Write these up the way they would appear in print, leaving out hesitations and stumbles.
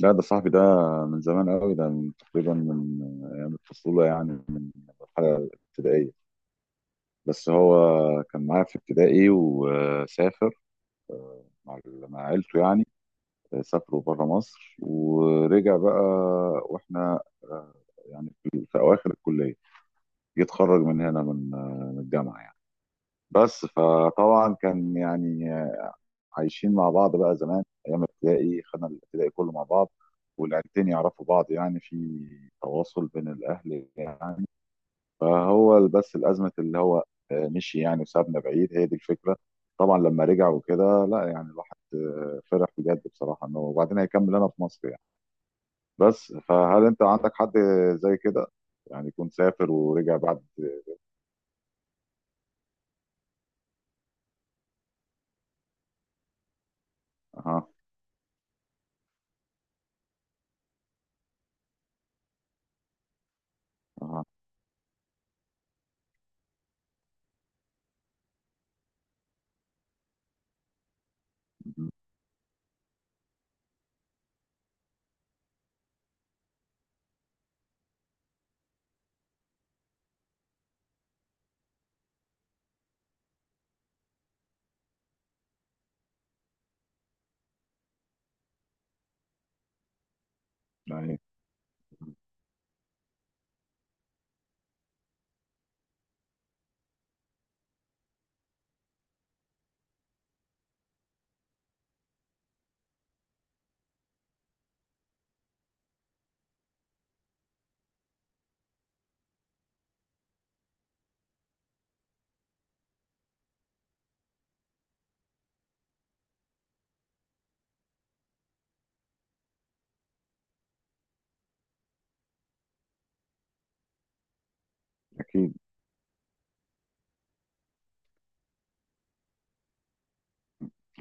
لا، ده صاحبي ده من زمان قوي، ده من تقريبا من ايام الطفوله، يعني من مرحله ابتدائيه. بس هو كان معايا في ابتدائي وسافر مع مع عيلته، يعني سافروا بره مصر ورجع بقى. واحنا يعني في اواخر الكليه يتخرج من هنا، من من الجامعه يعني. بس فطبعا كان يعني عايشين مع بعض بقى زمان، ايام ابتدائي خدنا الابتدائي كله مع بعض، والعيلتين يعرفوا بعض، يعني في تواصل بين الاهل يعني. فهو بس الازمه اللي هو مشي يعني وسابنا بعيد، هي دي الفكره. طبعا لما رجع وكده، لا يعني الواحد فرح بجد بصراحه انه وبعدين هيكمل هنا في مصر يعني. بس فهل انت عندك حد زي كده، يعني يكون سافر ورجع بعد؟ اها. اها. مهم. يعني اكيد.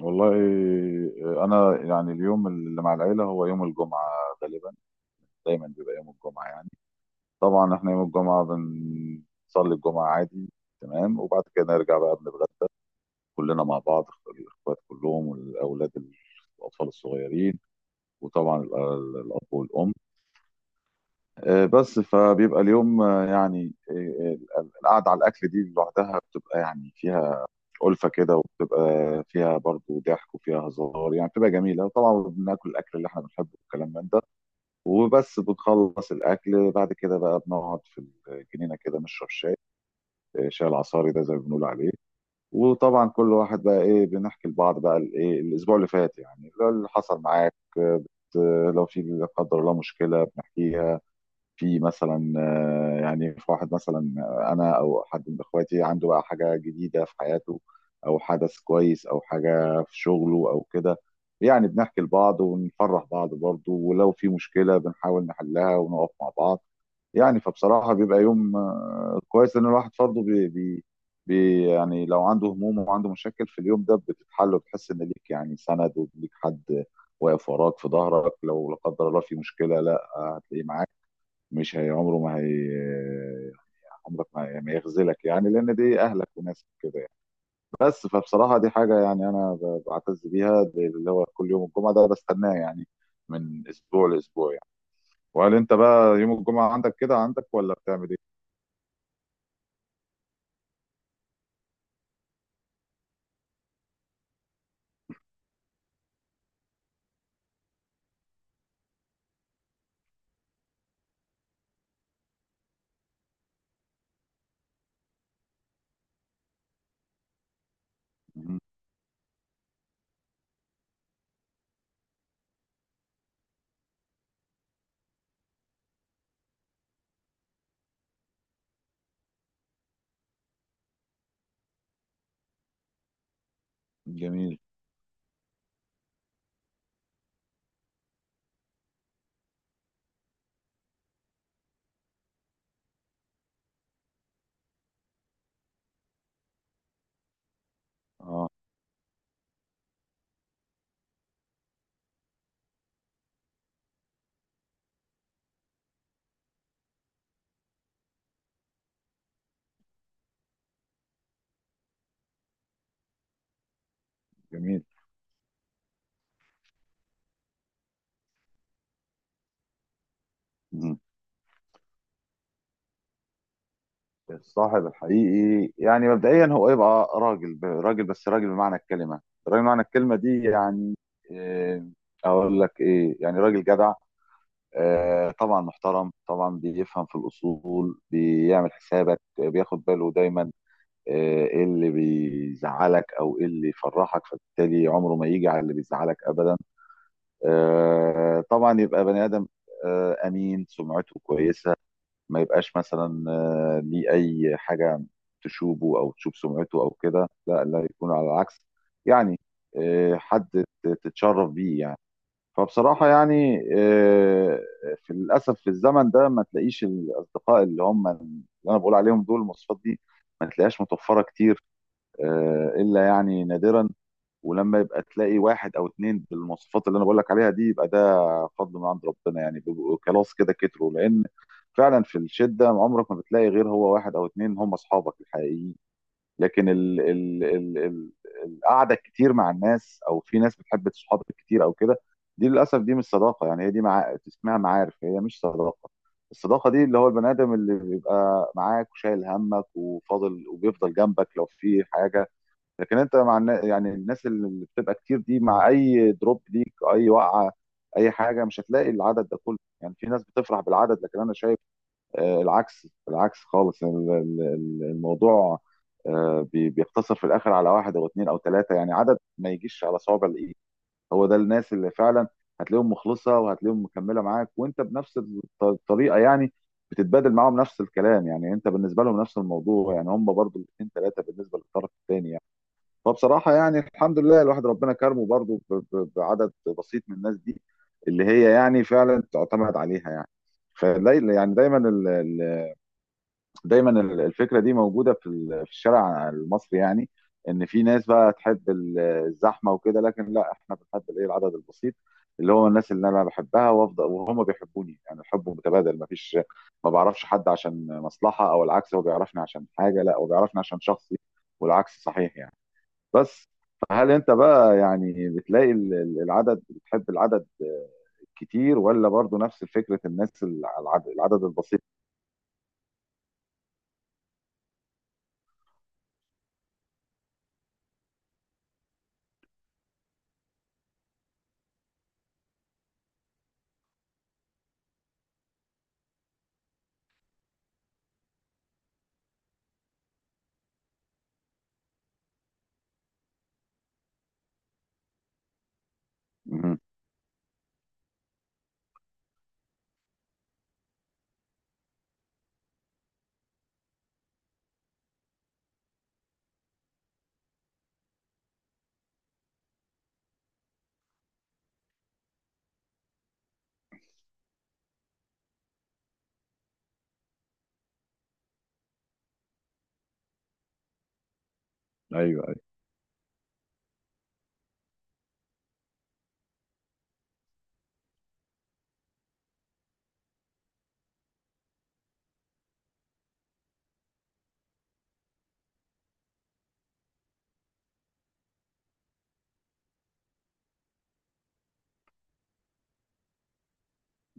والله، انا يعني اليوم اللي مع العيله هو يوم الجمعه غالبا، دايما بيبقى يوم الجمعه يعني. طبعا احنا يوم الجمعه بنصلي الجمعه عادي تمام، وبعد كده نرجع بقى بنتغدى كلنا مع بعض، الاخوات كلهم والاولاد، الاطفال الصغيرين، وطبعا الاب والام. بس فبيبقى اليوم القعده على الاكل دي لوحدها بتبقى يعني فيها ألفة كده، وبتبقى فيها برضو ضحك وفيها هزار، يعني بتبقى جميلة. طبعا بناكل الأكل اللي احنا بنحبه، والكلام من ده. وبس بنخلص الأكل بعد كده بقى بنقعد في الجنينة كده نشرب شاي، شاي العصاري ده زي ما بنقول عليه. وطبعا كل واحد بقى إيه بنحكي لبعض بقى الإيه الأسبوع اللي فات، يعني اللي حصل معاك، لو في لا قدر الله مشكلة بنحكيها. في مثلا يعني في واحد مثلا، انا او حد من اخواتي عنده بقى حاجه جديده في حياته، او حدث كويس او حاجه في شغله او كده، يعني بنحكي لبعض ونفرح بعض برضه، ولو في مشكله بنحاول نحلها ونقف مع بعض يعني. فبصراحه بيبقى يوم كويس، ان الواحد برضه بي بي بي يعني لو عنده هموم وعنده مشاكل في اليوم ده بتتحل، وبتحس ان ليك يعني سند وليك حد واقف وراك في ظهرك. لو لا قدر الله في مشكله، لا هتلاقيه معاك. مش هي عمره ما هي، عمرك ما يخذلك، يعني لان دي اهلك وناسك كده يعني. بس فبصراحه دي حاجه، يعني انا بعتز بيها، دي اللي هو كل يوم الجمعه ده بستناه يعني، من اسبوع لاسبوع يعني. وهل انت بقى يوم الجمعه عندك كده عندك ولا بتعمل ايه؟ مهم. جميل. اه. جميل. مهم. الصاحب الحقيقي، يعني مبدئيا هو يبقى راجل، راجل بس، راجل بمعنى الكلمه، راجل بمعنى الكلمه دي يعني. إيه، اقول لك ايه؟ يعني راجل جدع، طبعا محترم، طبعا بيفهم في الأصول، بيعمل حسابك، بياخد باله دايما، آه، ايه اللي بيزعلك او ايه اللي يفرحك، فبالتالي عمره ما يجي على اللي بيزعلك ابدا. طبعا يبقى بني ادم، امين، سمعته كويسة، ما يبقاش مثلا ليه اي حاجة تشوبه او تشوب سمعته او كده، لا لا، يكون على العكس يعني. حد تتشرف بيه يعني. فبصراحة يعني في للأسف في الزمن ده ما تلاقيش الأصدقاء اللي هم اللي أنا بقول عليهم دول، المواصفات دي ما تلاقيهاش متوفرة كتير، إلا يعني نادرا. ولما يبقى تلاقي واحد أو اتنين بالمواصفات اللي أنا بقول لك عليها دي، يبقى ده فضل من عند ربنا، يعني بيبقوا خلاص كده كتروا. لأن فعلا في الشدة عمرك ما بتلاقي غير هو واحد أو اتنين، هم أصحابك الحقيقيين. لكن ال ال ال ال القعده الكتير مع الناس، او في ناس بتحب صحابك كتير او كده، دي للاسف دي مش صداقه، يعني هي دي اسمها معارف، هي مش صداقه. الصداقه دي اللي هو البني ادم اللي بيبقى معاك وشايل همك وفاضل وبيفضل جنبك لو في حاجه. لكن انت مع يعني الناس اللي بتبقى كتير دي، مع اي دروب ليك، اي وقعه، اي حاجه، مش هتلاقي العدد ده كله. يعني في ناس بتفرح بالعدد، لكن انا شايف العكس، العكس خالص الموضوع. بيقتصر في الاخر على واحد او اتنين او تلاته، يعني عدد ما يجيش على صوابع الايد. هو ده الناس اللي فعلا هتلاقيهم مخلصه وهتلاقيهم مكمله معاك، وانت بنفس الطريقه يعني. بتتبادل معاهم نفس الكلام، يعني انت بالنسبه لهم نفس الموضوع، يعني هم برضو الاثنين ثلاثه بالنسبه للطرف الثاني يعني. فبصراحه يعني الحمد لله الواحد ربنا كرمه برضو بعدد بسيط من الناس دي، اللي هي يعني فعلا تعتمد عليها يعني. فلا يعني دايما الفكره دي موجوده في الشارع المصري، يعني ان في ناس بقى تحب الزحمه وكده، لكن لا احنا بنحب الايه العدد البسيط، اللي هو الناس اللي انا بحبها وافضل وهم بيحبوني، يعني الحب متبادل، ما فيش ما بعرفش حد عشان مصلحه او العكس، هو بيعرفني عشان حاجه، لا هو بيعرفني عشان شخصي، والعكس صحيح يعني. بس فهل انت بقى يعني بتلاقي العدد، بتحب العدد كتير ولا برضو نفس فكره الناس العدد البسيط؟ مهم. ايوه،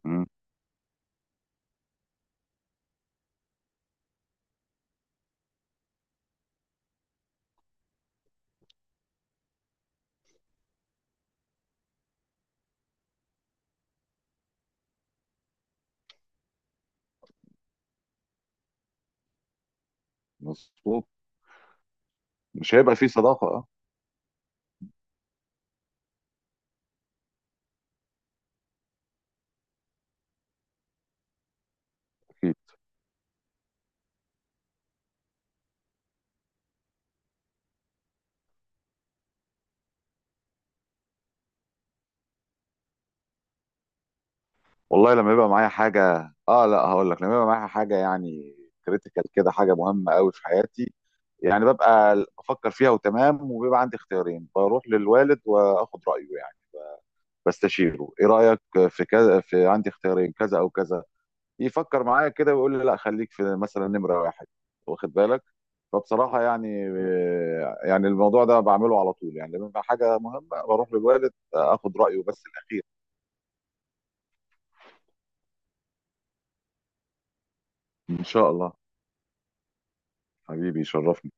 ايوه، مظبوط. مش هيبقى فيه صداقة. اه. اكيد. والله لما يبقى معايا حاجة، اه، لا هقول لك، لما يبقى معايا حاجة يعني كريتيكال كده، حاجة مهمة قوي في حياتي، يعني ببقى بفكر فيها وتمام، وبيبقى عندي اختيارين، بروح للوالد واخد رأيه يعني، بستشيره ايه رأيك في كذا، في عندي اختيارين كذا او كذا، يفكر معايا كده ويقول لي لا خليك في مثلا نمرة واحد، واخد بالك. فبصراحة يعني الموضوع ده بعمله على طول، يعني لما يبقى حاجة مهمة بروح للوالد اخد رأيه بس الأخير. إن شاء الله. حبيبي يشرفني.